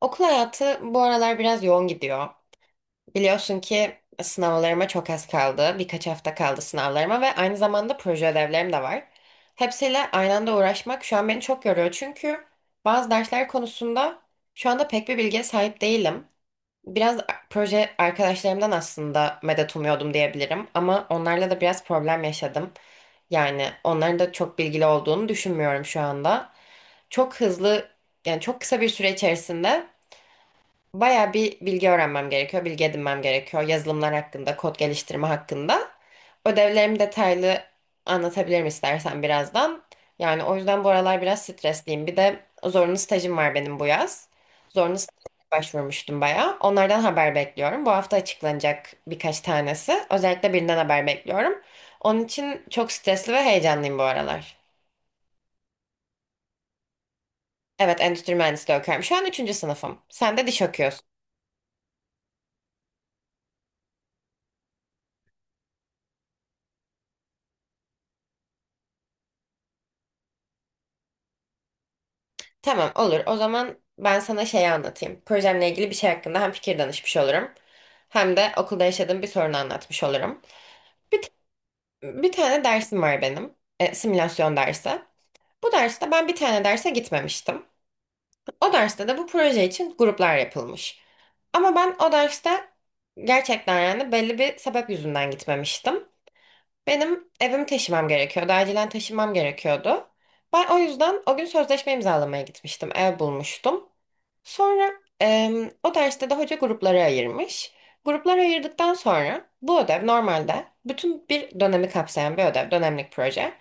Okul hayatı bu aralar biraz yoğun gidiyor. Biliyorsun ki sınavlarıma çok az kaldı. Birkaç hafta kaldı sınavlarıma ve aynı zamanda proje ödevlerim de var. Hepsiyle aynı anda uğraşmak şu an beni çok yoruyor. Çünkü bazı dersler konusunda şu anda pek bir bilgiye sahip değilim. Biraz proje arkadaşlarımdan aslında medet umuyordum diyebilirim. Ama onlarla da biraz problem yaşadım. Yani onların da çok bilgili olduğunu düşünmüyorum şu anda. Çok hızlı, yani çok kısa bir süre içerisinde bayağı bir bilgi öğrenmem gerekiyor, bilgi edinmem gerekiyor. Yazılımlar hakkında, kod geliştirme hakkında. Ödevlerimi detaylı anlatabilirim istersen birazdan. Yani o yüzden bu aralar biraz stresliyim. Bir de zorunlu stajım var benim bu yaz. Zorunlu staja başvurmuştum bayağı. Onlardan haber bekliyorum. Bu hafta açıklanacak birkaç tanesi. Özellikle birinden haber bekliyorum. Onun için çok stresli ve heyecanlıyım bu aralar. Evet, endüstri mühendisliği okuyorum. Şu an üçüncü sınıfım. Sen de diş okuyorsun. Tamam, olur. O zaman ben sana şeyi anlatayım. Projemle ilgili bir şey hakkında hem fikir danışmış olurum. Hem de okulda yaşadığım bir sorunu anlatmış olurum. Bir, t- Bir tane dersim var benim. Simülasyon dersi. Bu derste ben bir tane derse gitmemiştim. O derste de bu proje için gruplar yapılmış. Ama ben o derste gerçekten yani belli bir sebep yüzünden gitmemiştim. Benim evimi taşımam gerekiyordu. Acilen taşımam gerekiyordu. Ben o yüzden o gün sözleşme imzalamaya gitmiştim. Ev bulmuştum. Sonra o derste de hoca gruplara ayırmış. Gruplara ayırdıktan sonra bu ödev normalde bütün bir dönemi kapsayan bir ödev, dönemlik proje.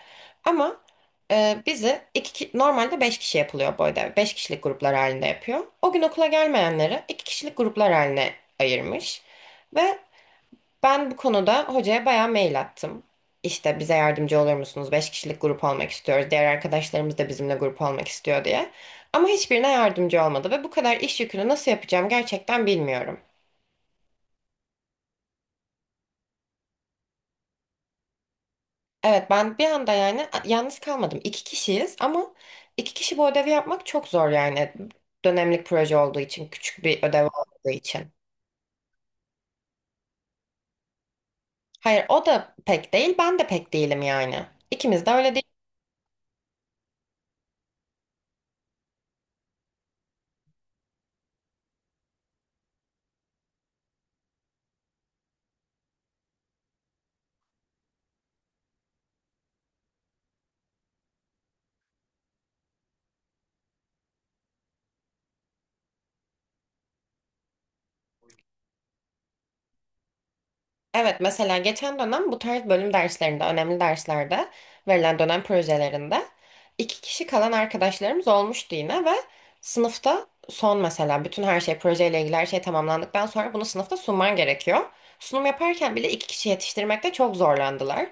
Ama bizi, normalde beş kişi yapılıyor bu ödev. Beş kişilik gruplar halinde yapıyor. O gün okula gelmeyenleri iki kişilik gruplar haline ayırmış. Ve ben bu konuda hocaya bayağı mail attım. İşte bize yardımcı olur musunuz? Beş kişilik grup olmak istiyoruz. Diğer arkadaşlarımız da bizimle grup olmak istiyor diye. Ama hiçbirine yardımcı olmadı ve bu kadar iş yükünü nasıl yapacağım gerçekten bilmiyorum. Evet, ben bir anda yani yalnız kalmadım. İki kişiyiz ama iki kişi bu ödevi yapmak çok zor yani. Dönemlik proje olduğu için, küçük bir ödev olduğu için. Hayır, o da pek değil, ben de pek değilim yani. İkimiz de öyle. Evet, mesela geçen dönem bu tarz bölüm derslerinde, önemli derslerde verilen dönem projelerinde iki kişi kalan arkadaşlarımız olmuştu yine ve sınıfta son mesela bütün her şey projeyle ilgili her şey tamamlandıktan sonra bunu sınıfta sunman gerekiyor. Sunum yaparken bile iki kişi yetiştirmekte çok zorlandılar.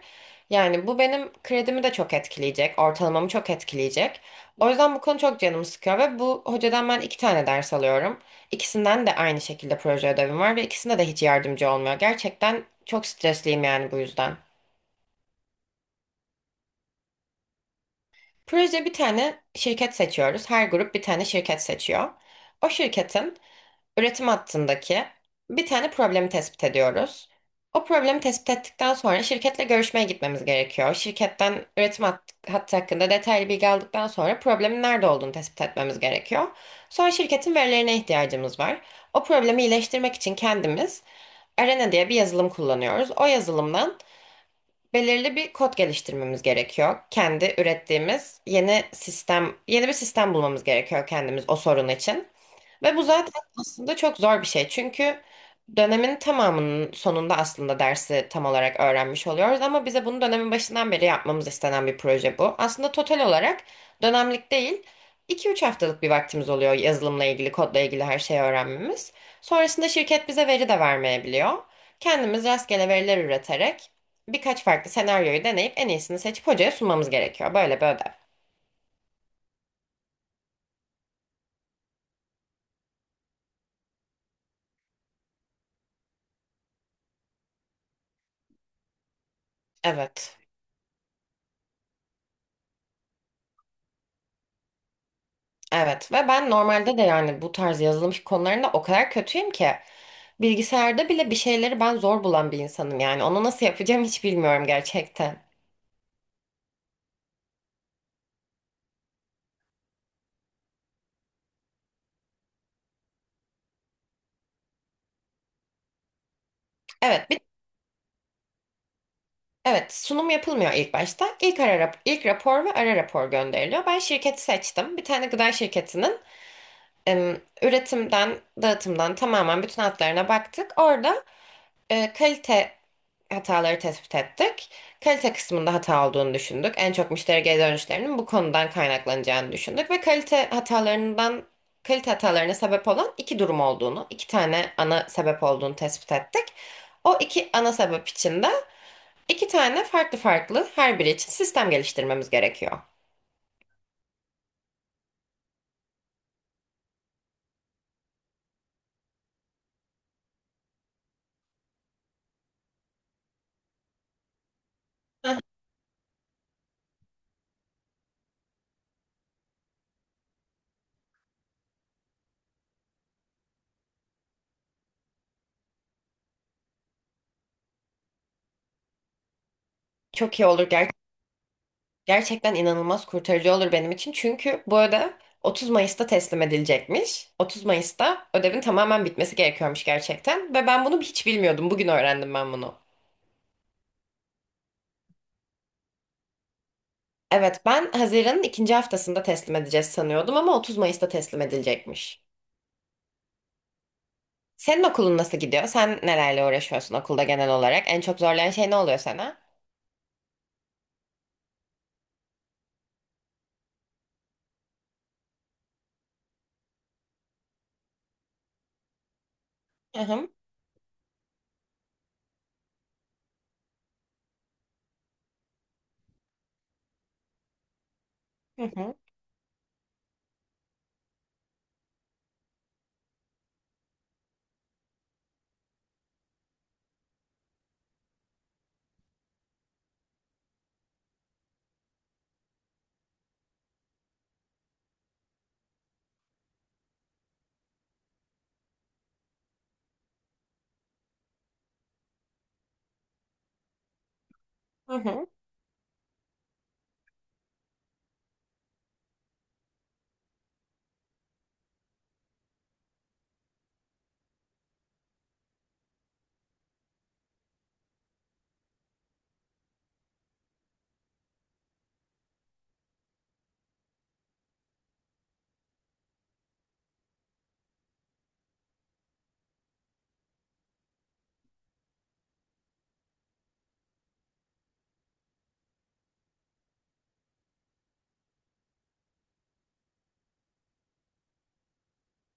Yani bu benim kredimi de çok etkileyecek, ortalamamı çok etkileyecek. O yüzden bu konu çok canımı sıkıyor ve bu hocadan ben iki tane ders alıyorum. İkisinden de aynı şekilde proje ödevim var ve ikisinde de hiç yardımcı olmuyor. Gerçekten çok stresliyim yani bu yüzden. Proje, bir tane şirket seçiyoruz. Her grup bir tane şirket seçiyor. O şirketin üretim hattındaki bir tane problemi tespit ediyoruz. O problemi tespit ettikten sonra şirketle görüşmeye gitmemiz gerekiyor. Şirketten üretim hattı hakkında detaylı bilgi aldıktan sonra problemin nerede olduğunu tespit etmemiz gerekiyor. Sonra şirketin verilerine ihtiyacımız var. O problemi iyileştirmek için kendimiz Arena diye bir yazılım kullanıyoruz. O yazılımdan belirli bir kod geliştirmemiz gerekiyor. Kendi ürettiğimiz yeni sistem, yeni bir sistem bulmamız gerekiyor kendimiz o sorun için. Ve bu zaten aslında çok zor bir şey. Çünkü dönemin tamamının sonunda aslında dersi tam olarak öğrenmiş oluyoruz. Ama bize bunu dönemin başından beri yapmamız istenen bir proje bu. Aslında total olarak dönemlik değil, iki üç haftalık bir vaktimiz oluyor yazılımla ilgili, kodla ilgili her şeyi öğrenmemiz. Sonrasında şirket bize veri de vermeyebiliyor. Kendimiz rastgele veriler üreterek birkaç farklı senaryoyu deneyip en iyisini seçip hocaya sunmamız gerekiyor. Böyle bir ödev. Evet. Evet ve ben normalde de yani bu tarz yazılım konularında o kadar kötüyüm ki bilgisayarda bile bir şeyleri ben zor bulan bir insanım yani onu nasıl yapacağım hiç bilmiyorum gerçekten. Evet, bir, evet, sunum yapılmıyor ilk başta. İlk ara ilk rapor ve ara rapor gönderiliyor. Ben şirketi seçtim. Bir tane gıda şirketinin em, üretimden, dağıtımdan tamamen bütün hatlarına baktık. Orada kalite hataları tespit ettik. Kalite kısmında hata olduğunu düşündük. En çok müşteri geri dönüşlerinin bu konudan kaynaklanacağını düşündük ve kalite hatalarından kalite hatalarına sebep olan iki durum olduğunu, iki tane ana sebep olduğunu tespit ettik. O iki ana sebep için de iki tane farklı farklı her biri için sistem geliştirmemiz gerekiyor. Heh. Çok iyi olur. Gerçekten inanılmaz kurtarıcı olur benim için. Çünkü bu ödev 30 Mayıs'ta teslim edilecekmiş. 30 Mayıs'ta ödevin tamamen bitmesi gerekiyormuş gerçekten. Ve ben bunu hiç bilmiyordum. Bugün öğrendim ben bunu. Evet, ben Haziran'ın ikinci haftasında teslim edeceğiz sanıyordum ama 30 Mayıs'ta teslim edilecekmiş. Senin okulun nasıl gidiyor? Sen nelerle uğraşıyorsun okulda genel olarak? En çok zorlayan şey ne oluyor sana? Hı hı. Hı hı. Hı hı.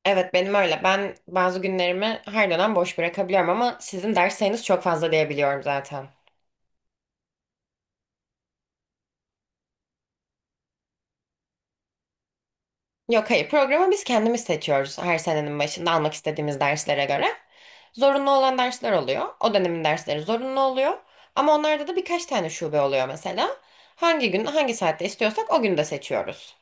Evet, benim öyle. Ben bazı günlerimi her dönem boş bırakabiliyorum ama sizin ders sayınız çok fazla diyebiliyorum zaten. Yok, hayır, programı biz kendimiz seçiyoruz her senenin başında almak istediğimiz derslere göre. Zorunlu olan dersler oluyor. O dönemin dersleri zorunlu oluyor. Ama onlarda da birkaç tane şube oluyor mesela. Hangi gün hangi saatte istiyorsak o günü de seçiyoruz.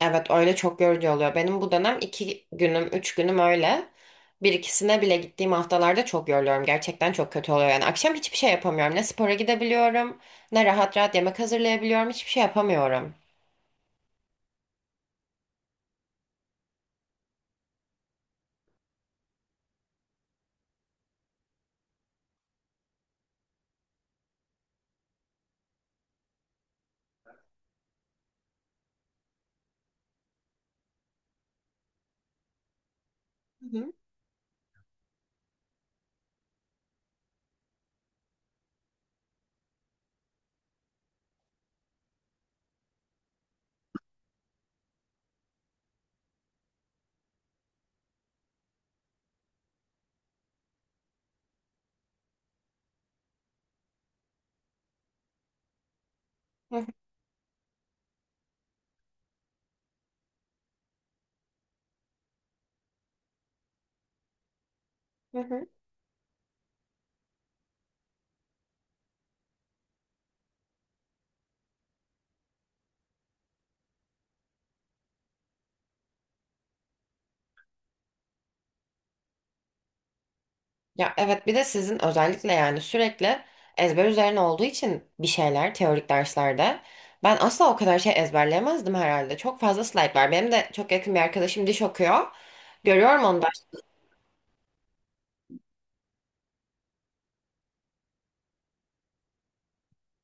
Evet, öyle çok yorucu oluyor. Benim bu dönem iki günüm, üç günüm öyle. Bir ikisine bile gittiğim haftalarda çok yoruluyorum. Gerçekten çok kötü oluyor. Yani akşam hiçbir şey yapamıyorum. Ne spora gidebiliyorum, ne rahat rahat yemek hazırlayabiliyorum. Hiçbir şey yapamıyorum. Hı hı. Hı hı. Hı hı. Ya evet, bir de sizin özellikle yani sürekli ezber üzerine olduğu için bir şeyler teorik derslerde. Ben asla o kadar şey ezberleyemezdim herhalde. Çok fazla slide var. Benim de çok yakın bir arkadaşım diş okuyor. Görüyorum onu da.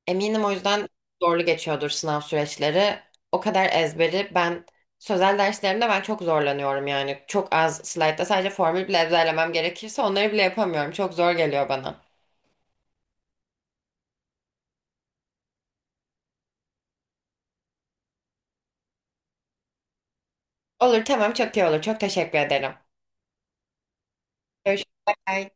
Eminim o yüzden zorlu geçiyordur sınav süreçleri. O kadar ezberi ben sözel derslerimde ben çok zorlanıyorum yani. Çok az slide'da sadece formül bile ezberlemem gerekirse onları bile yapamıyorum. Çok zor geliyor bana. Olur, tamam, çok iyi olur. Çok teşekkür ederim. Görüşmek üzere.